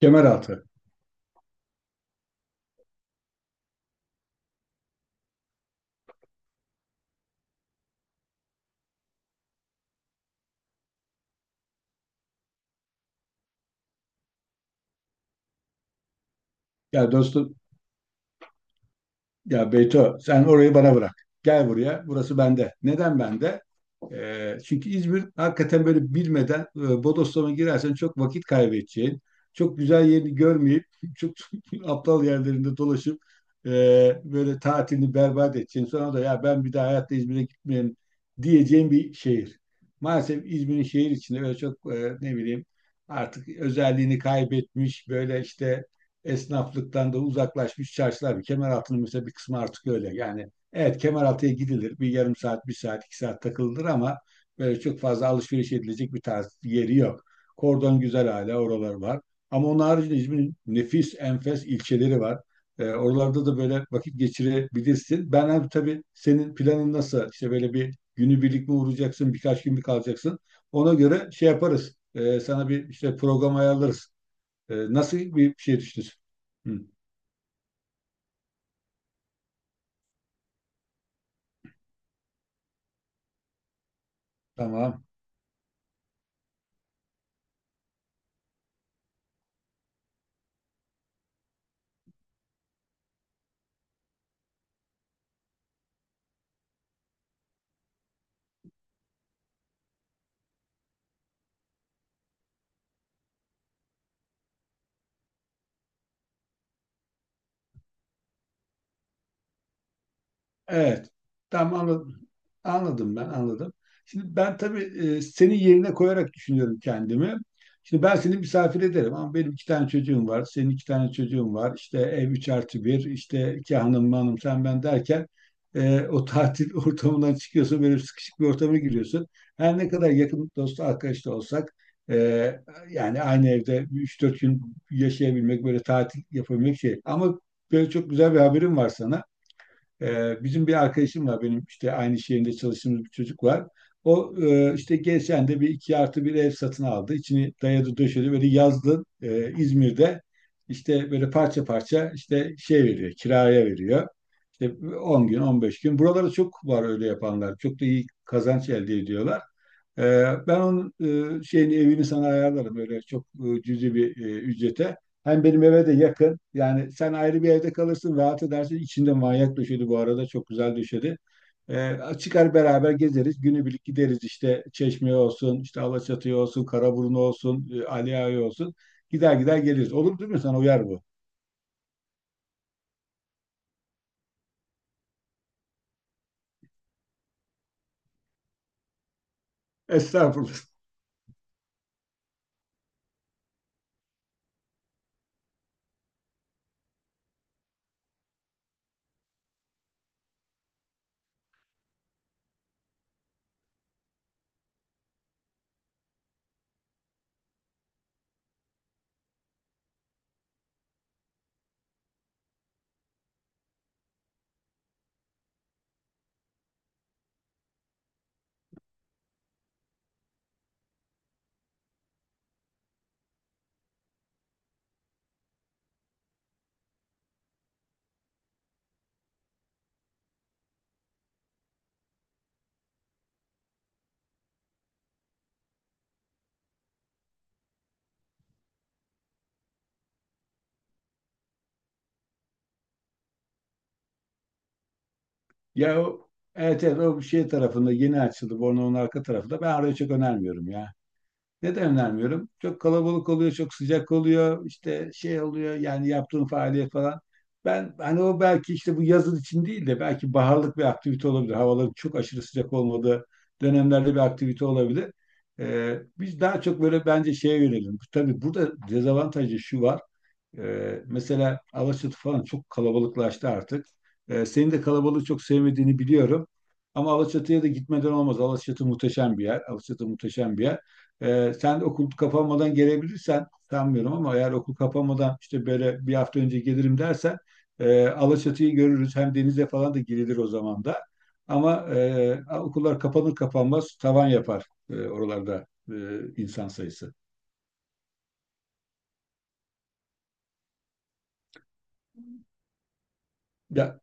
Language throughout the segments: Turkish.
Kemeraltı. Ya dostum, ya Beyto sen orayı bana bırak. Gel buraya, burası bende. Neden bende? Çünkü İzmir hakikaten böyle bilmeden bodoslama girersen çok vakit kaybedeceğin, çok güzel yerini görmeyip, çok aptal yerlerinde dolaşıp e, böyle tatilini berbat edeceğin, sonra da ya ben bir daha hayatta İzmir'e gitmeyeyim diyeceğin bir şehir. Maalesef İzmir'in şehir içinde öyle çok ne bileyim artık özelliğini kaybetmiş böyle işte esnaflıktan da uzaklaşmış çarşılar. Var. Kemeraltı'nın mesela bir kısmı artık öyle. Yani evet Kemeraltı'ya gidilir. Bir yarım saat, bir saat, iki saat takılır ama böyle çok fazla alışveriş edilecek bir tarz yeri yok. Kordon güzel, hala oralar var. Ama onun haricinde İzmir'in nefis, enfes ilçeleri var. Oralarda da böyle vakit geçirebilirsin. Ben abi, tabii senin planın nasıl? İşte böyle bir günü birlik mi uğrayacaksın, birkaç gün mü kalacaksın? Ona göre şey yaparız. Sana bir işte program ayarlarız. Nasıl bir şey düşünüyorsun? Hı, tamam. Evet. Tamam, anladım. Anladım, ben anladım. Şimdi ben tabii senin yerine koyarak düşünüyorum kendimi. Şimdi ben seni misafir ederim ama benim iki tane çocuğum var. Senin iki tane çocuğun var. İşte ev üç artı bir. İşte iki hanım, hanım sen ben derken o tatil ortamından çıkıyorsun. Böyle sıkışık bir ortama giriyorsun. Her ne kadar yakın dost arkadaş da olsak e, yani aynı evde üç dört gün yaşayabilmek, böyle tatil yapabilmek şey. Ama böyle çok güzel bir haberim var sana. Bizim bir arkadaşım var benim, işte aynı şehirde çalıştığımız bir çocuk var. O işte geçen de bir iki artı bir ev satın aldı. İçini dayadı döşedi böyle, yazdı İzmir'de işte böyle parça parça işte şey veriyor, kiraya veriyor. İşte 10 gün 15 gün. Buralarda çok var öyle yapanlar. Çok da iyi kazanç elde ediyorlar. Ben onun şeyini, evini sana ayarlarım öyle çok cüzi bir ücrete. Hem benim eve de yakın. Yani sen ayrı bir evde kalırsın, rahat edersin. İçinde manyak döşedi bu arada. Çok güzel döşedi. Çıkar beraber gezeriz. Günübirlik gideriz işte Çeşme'ye olsun, işte Alaçatı'ya olsun, Karaburun olsun, Ali Ağa'ya olsun. Gider gider geliriz. Olur değil mi? Sana uyar bu. Estağfurullah. Ya o, evet evet, o şey tarafında yeni açıldı. Bornova'nın arka tarafında. Ben oraya çok önermiyorum ya. Neden önermiyorum? Çok kalabalık oluyor, çok sıcak oluyor, işte şey oluyor yani yaptığın faaliyet falan. Ben hani o belki işte bu yazın için değil de belki baharlık bir aktivite olabilir. Havaların çok aşırı sıcak olmadığı dönemlerde bir aktivite olabilir. Biz daha çok böyle bence şeye yönelelim. Tabii burada dezavantajı şu var. Mesela Alaçatı falan çok kalabalıklaştı artık. Senin de kalabalığı çok sevmediğini biliyorum. Ama Alaçatı'ya da gitmeden olmaz. Alaçatı muhteşem bir yer. Alaçatı muhteşem bir yer. Sen okul kapanmadan gelebilirsen sanmıyorum ama eğer okul kapanmadan işte böyle bir hafta önce gelirim dersen Alaçatı'yı görürüz. Hem denize falan da girilir o zaman da. Ama okullar kapanır kapanmaz tavan yapar oralarda insan sayısı. Ya,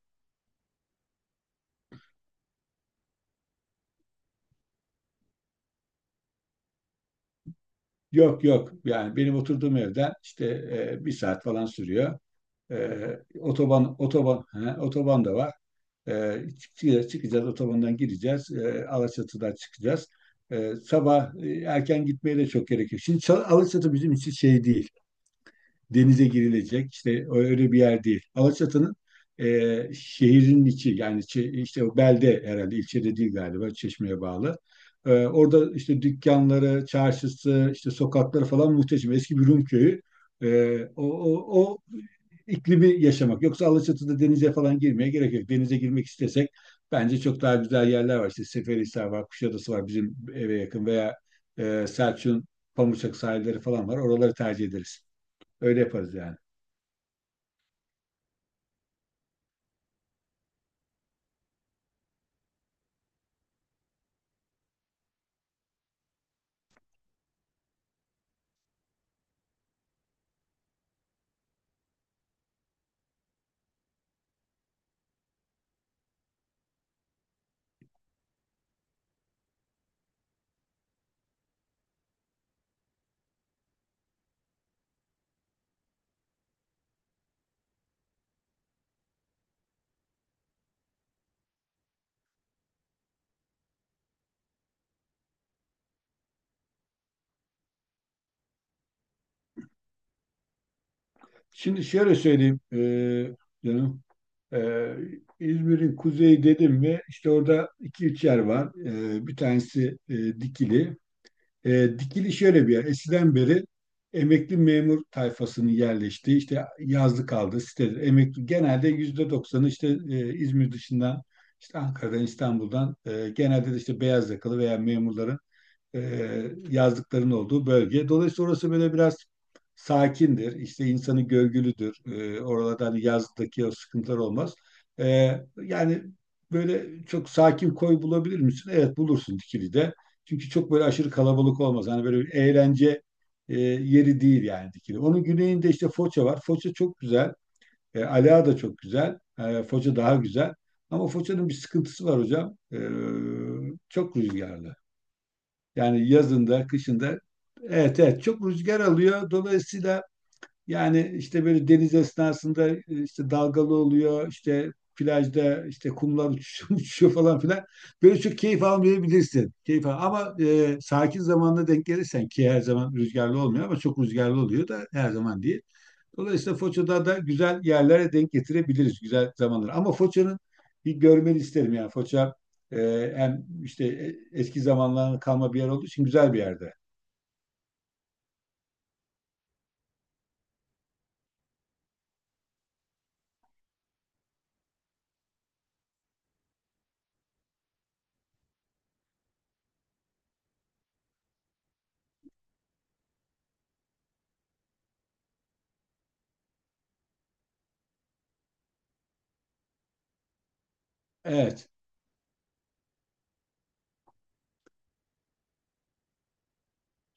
yok yok, yani benim oturduğum evden işte bir saat falan sürüyor. E, Otoban otoban, he, otoban da var. Çıkacağız, çıkacağız otobandan, gireceğiz. Alaçatı'dan çıkacağız. Sabah erken gitmeye de çok gerek yok. Şimdi Alaçatı bizim için şey değil, denize girilecek işte öyle bir yer değil. Alaçatı'nın şehrin içi, yani işte o belde, herhalde ilçede değil galiba, Çeşme'ye bağlı. Orada işte dükkanları, çarşısı, işte sokakları falan muhteşem. Eski bir Rum köyü. O iklimi yaşamak. Yoksa Alaçatı'da denize falan girmeye gerek yok. Denize girmek istesek bence çok daha güzel yerler var. İşte Seferihisar var, Kuşadası var bizim eve yakın, veya Selçuk'un Pamuçak sahilleri falan var. Oraları tercih ederiz. Öyle yaparız yani. Şimdi şöyle söyleyeyim canım. E, İzmir'in kuzeyi dedim mi işte orada iki üç yer var. Bir tanesi Dikili. Dikili şöyle bir yer. Eskiden beri emekli memur tayfasının yerleştiği, işte yazlık kaldı sitedir. Emekli genelde %90'ı işte İzmir dışından, işte Ankara'dan, İstanbul'dan, genelde de işte beyaz yakalı veya memurların e, yazlıkların olduğu bölge. Dolayısıyla orası böyle biraz sakindir. İşte insanı gölgülüdür. Oralarda hani yazlıktaki o sıkıntılar olmaz. E, Yani böyle çok sakin koy bulabilir misin? Evet, bulursun Dikili'de. Çünkü çok böyle aşırı kalabalık olmaz. Hani böyle bir eğlence yeri değil yani Dikili. Onun güneyinde işte Foça var. Foça çok güzel. Ala da çok güzel. Foça daha güzel. Ama Foça'nın bir sıkıntısı var hocam. Çok rüzgarlı. Yani yazında, kışında. Evet, evet. Çok rüzgar alıyor. Dolayısıyla, yani işte böyle deniz esnasında işte dalgalı oluyor. İşte plajda işte kumlar uçuşuyor, uçuşuyor falan filan. Böyle çok keyif almayabilirsin. Keyif al. Ama sakin zamanla denk gelirsen ki her zaman rüzgarlı olmuyor ama çok rüzgarlı oluyor da her zaman değil. Dolayısıyla Foça'da da güzel yerlere denk getirebiliriz, güzel zamanları. Ama Foça'nın bir görmeni isterim. Yani Foça hem işte eski zamanların kalma bir yer olduğu için güzel bir yerde. Evet.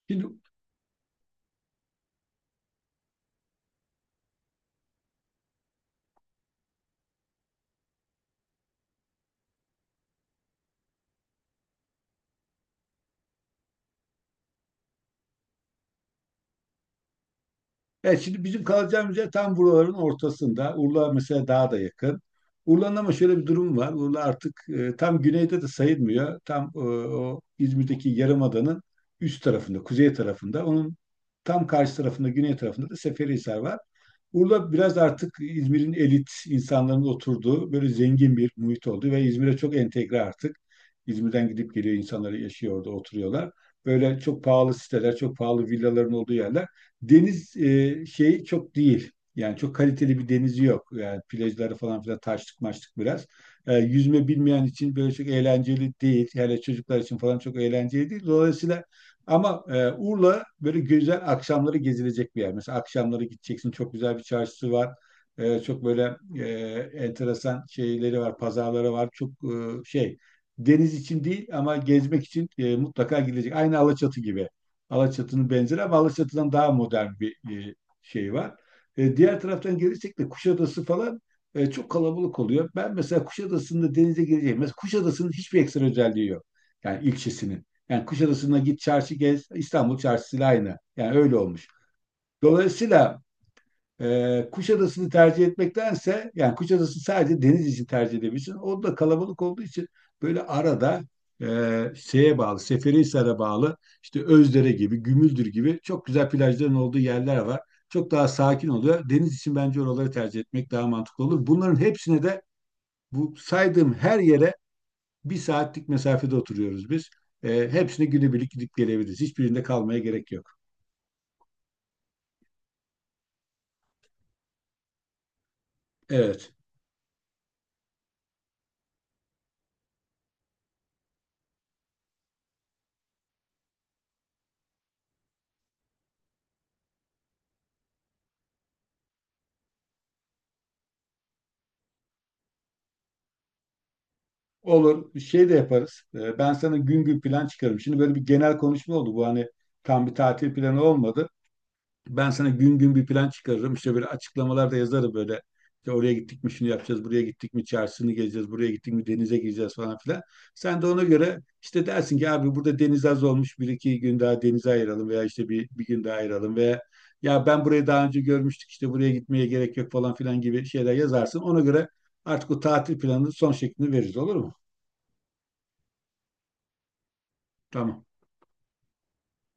Şimdi evet şimdi bizim kalacağımız yer tam buraların ortasında. Urla mesela daha da yakın. Urla'nın ama şöyle bir durum var. Urla artık tam güneyde de sayılmıyor. Tam o İzmir'deki Yarımada'nın üst tarafında, kuzey tarafında. Onun tam karşı tarafında, güney tarafında da Seferihisar var. Urla biraz artık İzmir'in elit insanların oturduğu böyle zengin bir muhit oldu ve İzmir'e çok entegre artık. İzmir'den gidip geliyor insanlar, yaşıyor orada oturuyorlar. Böyle çok pahalı siteler, çok pahalı villaların olduğu yerler. Deniz şey çok değil. Yani çok kaliteli bir denizi yok. Yani plajları falan filan taşlık maçlık biraz. Yüzme bilmeyen için böyle çok eğlenceli değil. Hele çocuklar için falan çok eğlenceli değil. Dolayısıyla ama Urla böyle güzel akşamları gezilecek bir yer. Mesela akşamları gideceksin, çok güzel bir çarşısı var. Çok böyle enteresan şeyleri var, pazarları var. Çok şey, deniz için değil ama gezmek için mutlaka gidilecek. Aynı Alaçatı gibi. Alaçatı'nın benzeri ama Alaçatı'dan daha modern bir e, şey var. Diğer taraftan gelirsek de Kuşadası falan çok kalabalık oluyor. Ben mesela Kuşadası'nda denize gireceğim. Mesela Kuşadası'nın hiçbir ekstra özelliği yok. Yani ilçesinin. Yani Kuşadası'na git, çarşı gez, İstanbul çarşısıyla aynı. Yani öyle olmuş. Dolayısıyla Kuşadası'nı tercih etmektense, yani Kuşadası sadece deniz için tercih edebilirsin. O da kalabalık olduğu için böyle arada e, şeye bağlı, Seferihisar'a bağlı, işte Özdere gibi, Gümüldür gibi çok güzel plajların olduğu yerler var. Çok daha sakin oluyor. Deniz için bence oraları tercih etmek daha mantıklı olur. Bunların hepsine de, bu saydığım her yere bir saatlik mesafede oturuyoruz biz. Hepsini günübirlik gidip gelebiliriz. Hiçbirinde kalmaya gerek yok. Evet. Olur. Şey de yaparız. Ben sana gün gün plan çıkarım. Şimdi böyle bir genel konuşma oldu. Bu hani tam bir tatil planı olmadı. Ben sana gün gün bir plan çıkarırım. İşte böyle açıklamalar da yazarım böyle. İşte oraya gittik mi şunu yapacağız, buraya gittik mi çarşısını gezeceğiz, buraya gittik mi denize gireceğiz falan filan. Sen de ona göre işte dersin ki abi burada deniz az olmuş, bir iki gün daha denize ayıralım, veya işte bir gün daha ayıralım, veya ya ben burayı daha önce görmüştük işte buraya gitmeye gerek yok falan filan gibi şeyler yazarsın. Ona göre artık o tatil planının son şeklini veririz, olur mu? Tamam.